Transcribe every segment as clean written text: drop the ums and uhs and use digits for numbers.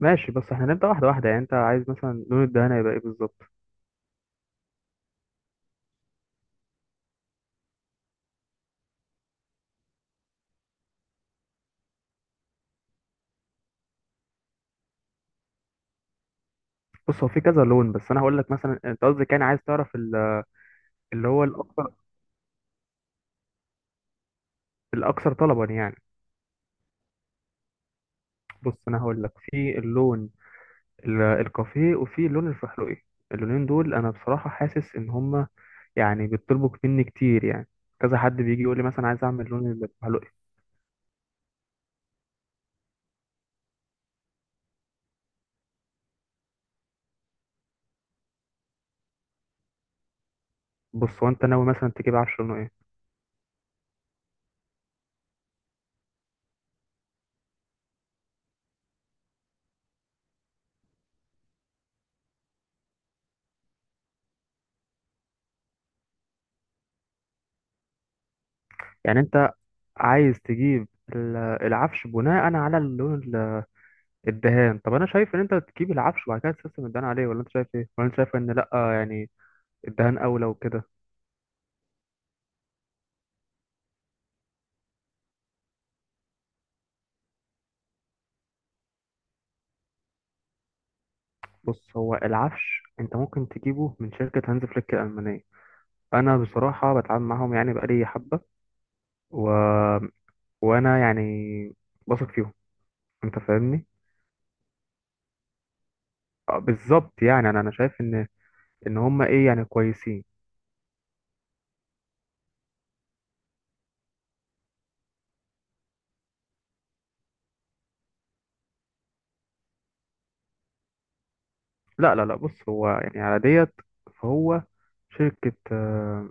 ماشي. بس احنا هنبدأ واحدة واحدة. يعني انت عايز مثلا لون الدهانة يبقى ايه بالظبط؟ بص هو في كذا لون. بس انا هقول لك مثلا انت قصدك يعني عايز تعرف اللي هو الاكثر طلبا يعني. بص انا هقول لك في اللون الكافيه وفي اللون الفحلوقي. اللونين دول انا بصراحة حاسس ان هما يعني بيطلبوا مني كتير يعني. كذا حد بيجي يقول لي مثلا عايز اعمل لون الفحلوقي. بص هو انت ناوي مثلا تجيب عفش لونه ايه؟ يعني انت عايز تجيب ال- العفش بناء على اللون الدهان. طب انا شايف ان انت تجيب العفش وبعد كده تسيستم الدهان عليه، ولا انت شايف ايه؟ ولا انت شايف ان لا، يعني الدهان اولى وكده؟ بص هو العفش انت ممكن تجيبه من شركه هانز فليك الالمانيه. انا بصراحه بتعامل معاهم يعني بقالي حبه و... وانا يعني بثق فيهم، انت فاهمني. آه، بالظبط. يعني انا شايف ان هم ايه يعني كويسين. لا لا لا، بص هو يعني على ديت، فهو شركه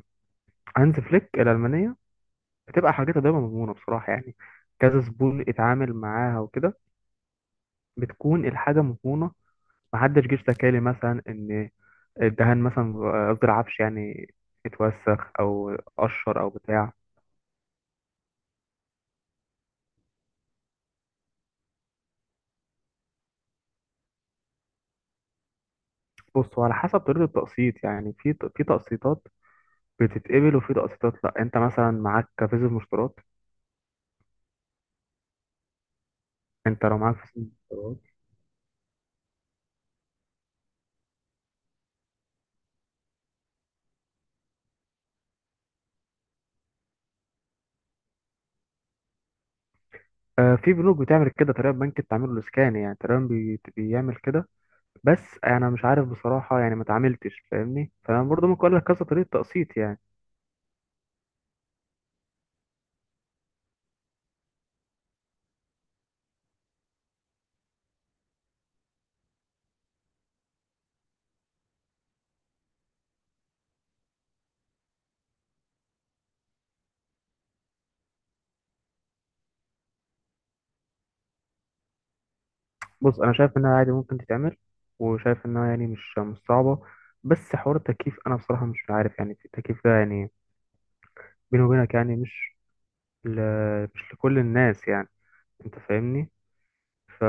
هانز فليك الالمانيه بتبقى حاجتها دايما مضمونة بصراحة يعني. كذا زبون اتعامل معاها وكده بتكون الحاجة مضمونة. محدش جه اشتكى لي مثلا إن الدهان مثلا، قصدي العفش يعني، اتوسخ أو قشر أو بتاع. بص هو على حسب طريقة التقسيط. يعني في تقسيطات بتتقبل وفي تقسيطات لأ. أنت مثلا معاك فيزا مشترات. أنت لو معاك فيزا مشترات. آه، في بنوك بتعمل كده، تقريبا بنك التعمير الإسكاني يعني تقريبا بيعمل كده. بس انا مش عارف بصراحه يعني، ما اتعاملتش، فاهمني، فانا برضه ممكن اقول لك كذا طريقه تقسيط يعني. بص انا شايف انها عادي ممكن تتعمل، وشايف انها يعني مش صعبه. بس حوار التكييف انا بصراحه مش عارف. يعني التكييف ده يعني، بيني وبينك يعني، ل... مش لكل الناس يعني، انت فاهمني. ف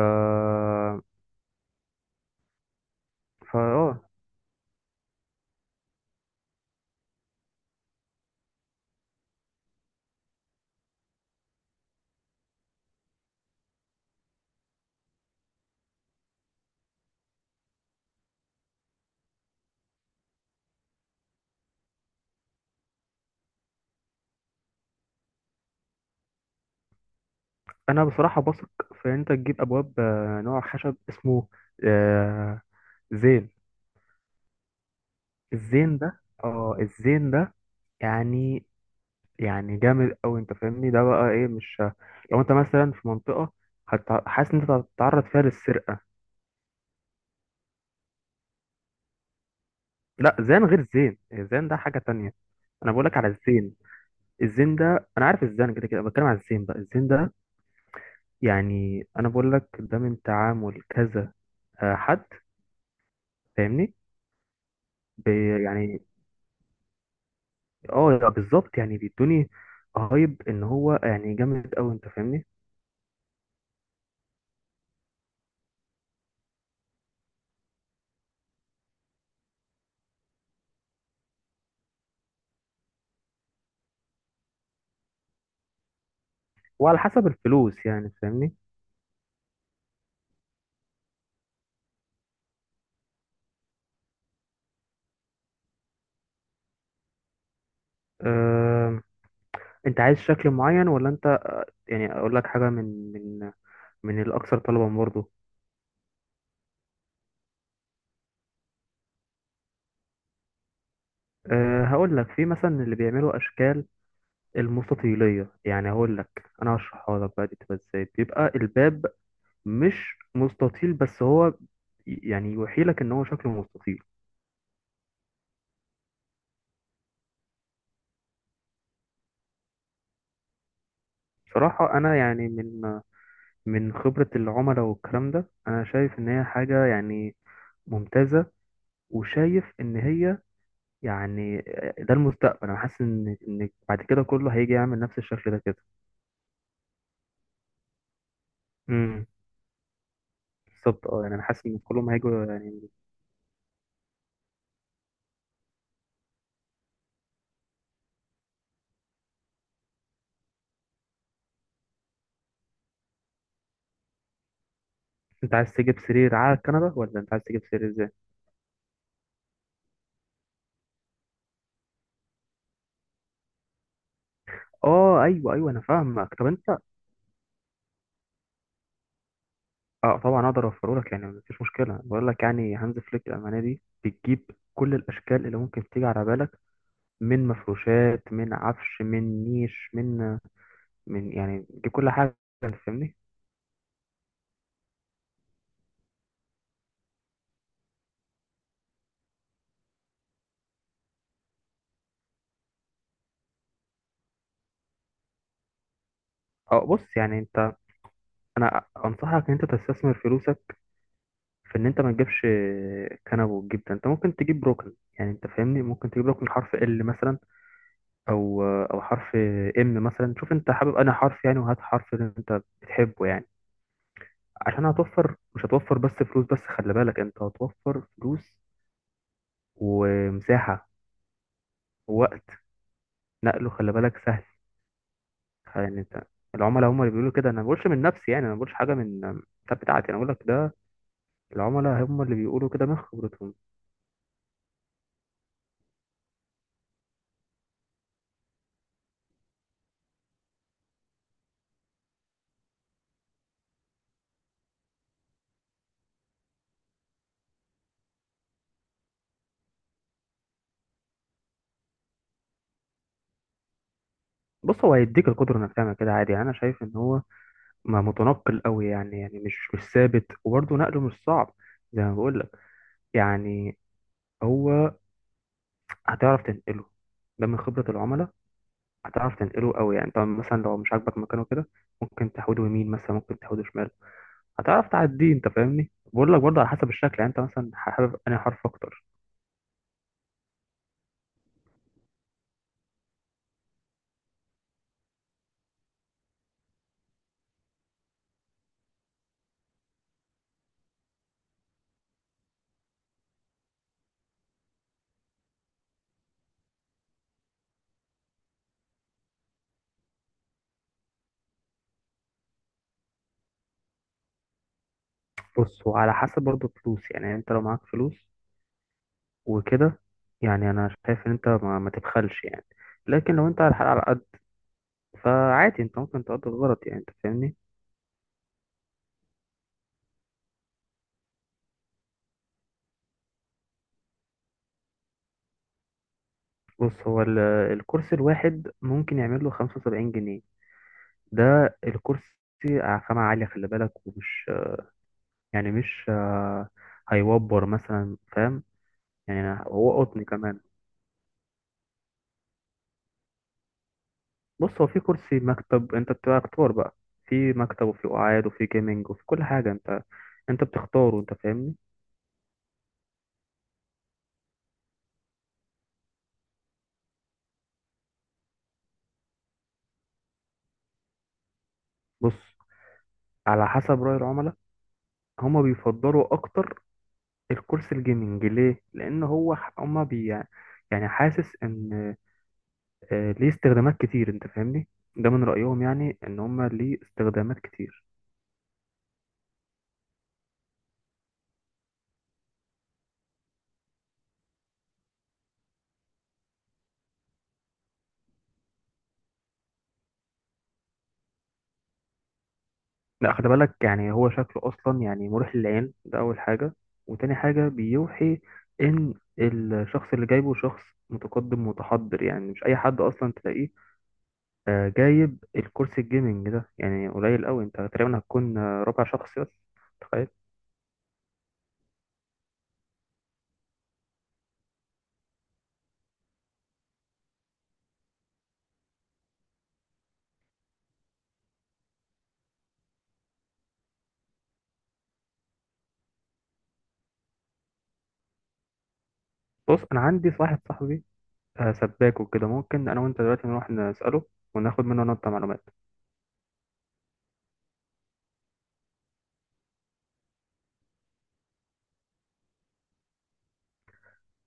فا اه انا بصراحه بثق في إن انت تجيب ابواب، نوع خشب اسمه آه، زين. الزين ده الزين ده يعني يعني جامد قوي، انت فاهمني. ده بقى ايه؟ مش لو انت مثلا في منطقة، حاسس ان انت هتتعرض فيها للسرقة. لا، زين غير زين، الزين ده حاجة تانية. انا بقولك على الزين. الزين ده انا عارف، الزين كده كده بتكلم على الزين بقى. الزين ده يعني انا بقولك ده من تعامل كذا حد، فاهمني. يعني اه بالظبط، يعني بيدوني رهيب ان هو يعني جامد قوي، انت فاهمني. وعلى حسب الفلوس يعني، فاهمني. انت عايز شكل معين ولا انت يعني اقول لك حاجه من من الاكثر طلبا برضه؟ هقول لك في مثلا اللي بيعملوا اشكال المستطيليه. يعني هقول لك، انا هشرحها لك بقى. دي بتبقى ازاي؟ بيبقى الباب مش مستطيل، بس هو يعني يوحيلك ان هو شكله مستطيل. بصراحه انا يعني من خبره العملاء والكلام ده، انا شايف ان هي حاجه يعني ممتازه. وشايف ان هي يعني ده المستقبل. انا حاسس ان بعد كده كله هيجي يعمل نفس الشكل ده كده. امم، بالظبط. اه يعني انا حاسس ان كلهم هيجوا يعني. انت عايز تجيب سرير على كندا، ولا انت عايز تجيب سرير ازاي؟ اه، ايوه ايوه، انا فاهمك. طب انت. اه، طبعا اقدر اوفره لك يعني مفيش مشكله. بقول لك يعني هانز فليك الالمانيه دي بتجيب كل الاشكال اللي ممكن تيجي على بالك، من مفروشات، من عفش، من نيش، من يعني، دي كل حاجه، انت فاهمني. اه، بص يعني انت، انا انصحك ان انت تستثمر فلوسك في ان انت ما تجيبش كنب، وتجيب ده. انت ممكن تجيب ركن، يعني انت فاهمني، ممكن تجيب ركن حرف ال مثلا، او حرف ام مثلا. شوف انت حابب انا حرف يعني، وهات حرف اللي انت بتحبه يعني. عشان هتوفر، مش هتوفر بس فلوس، بس خلي بالك، انت هتوفر فلوس ومساحة ووقت. نقله خلي بالك سهل. يعني انت، العملاء هم اللي بيقولوا كده. انا ما بقولش من نفسي يعني، انا ما بقولش حاجة من الكتاب بتاعتي، انا بقول لك ده العملاء هم اللي بيقولوا كده من خبرتهم. بص هو هيديك القدرة انك تعمل كده عادي. يعني انا شايف ان هو ما متنقل قوي يعني مش ثابت، وبرضه نقله مش صعب. زي ما بقول لك يعني. هو هتعرف تنقله، ده من خبرة العملاء. هتعرف تنقله قوي يعني. طب مثلا لو مش عاجبك مكانه كده، ممكن تحوده يمين مثلا، ممكن تحوده شمال. هتعرف تعديه، انت فاهمني. بقول لك برضه على حسب الشكل. يعني انت مثلا حابب انهي حرف اكتر؟ بص هو على حسب برضه فلوس يعني. يعني انت لو معاك فلوس وكده، يعني انا شايف ان انت ما تبخلش يعني. لكن لو انت على الحلقة على قد، فعادي انت ممكن تقضي غلط يعني، انت فاهمني. بص هو الكرسي الواحد ممكن يعمل له 75 جنيه. ده الكرسي خامة عالية خلي بالك، ومش يعني، مش هيوبر مثلا، فاهم. يعني هو قطن كمان. بص هو في كرسي مكتب، انت بتبقى اختار بقى. في مكتب، وفي قعاد، وفي جيمنج، وفي كل حاجة. انت بتختاره، انت فاهمني. بص، على حسب رأي العملاء، هما بيفضلوا اكتر الكرسي الجيمنج. ليه؟ لان هو ح- هما بي يعني حاسس ان ليه استخدامات كتير، انت فاهمني. ده من رأيهم يعني، ان هما ليه استخدامات كتير. لا، خلي بالك، يعني هو شكله اصلا يعني مريح للعين، ده اول حاجة. وتاني حاجة، بيوحي ان الشخص اللي جايبه شخص متقدم متحضر، يعني مش اي حد اصلا تلاقيه جايب الكرسي الجيمنج ده. يعني قليل قوي، انت تقريبا هتكون ربع شخص بس، تخيل. بص انا عندي واحد صاحبي سباك وكده. ممكن انا وانت دلوقتي نروح نسأله وناخد منه نقطة معلومات.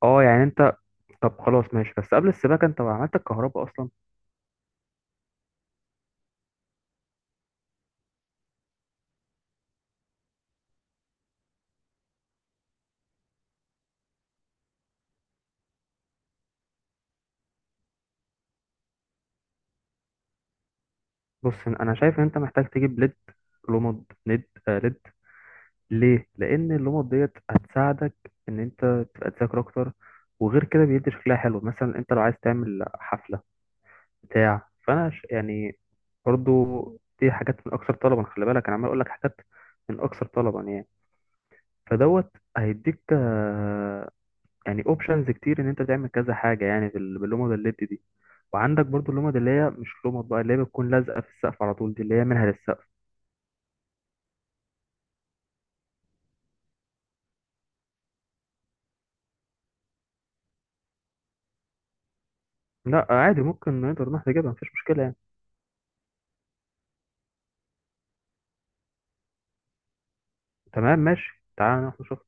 اه، يعني انت طب خلاص ماشي. بس قبل السباكة انت عملت الكهرباء اصلا؟ بص انا شايف ان انت محتاج تجيب ليد. لمض ليد، ليد. ليه؟ لان اللمض ديت هتساعدك ان انت تبقى تذاكر اكتر. وغير كده بيدي شكلها حلو، مثلا انت لو عايز تعمل حفلة بتاع، فانا يعني برضو دي حاجات من اكثر طلبا، خلي بالك. انا عمال اقول لك حاجات من اكثر طلبا يعني. فدوت هيديك يعني اوبشنز كتير، ان انت تعمل كذا حاجة يعني باللمض الليد دي. وعندك برضو اللمض اللي هي مش لمض بقى، اللي هي بتكون لازقه في السقف على طول، دي اللي هي منها للسقف. لا عادي، ممكن نقدر نروح نجيبها، مفيش مشكله يعني. تمام ماشي، تعالى نروح نشوف.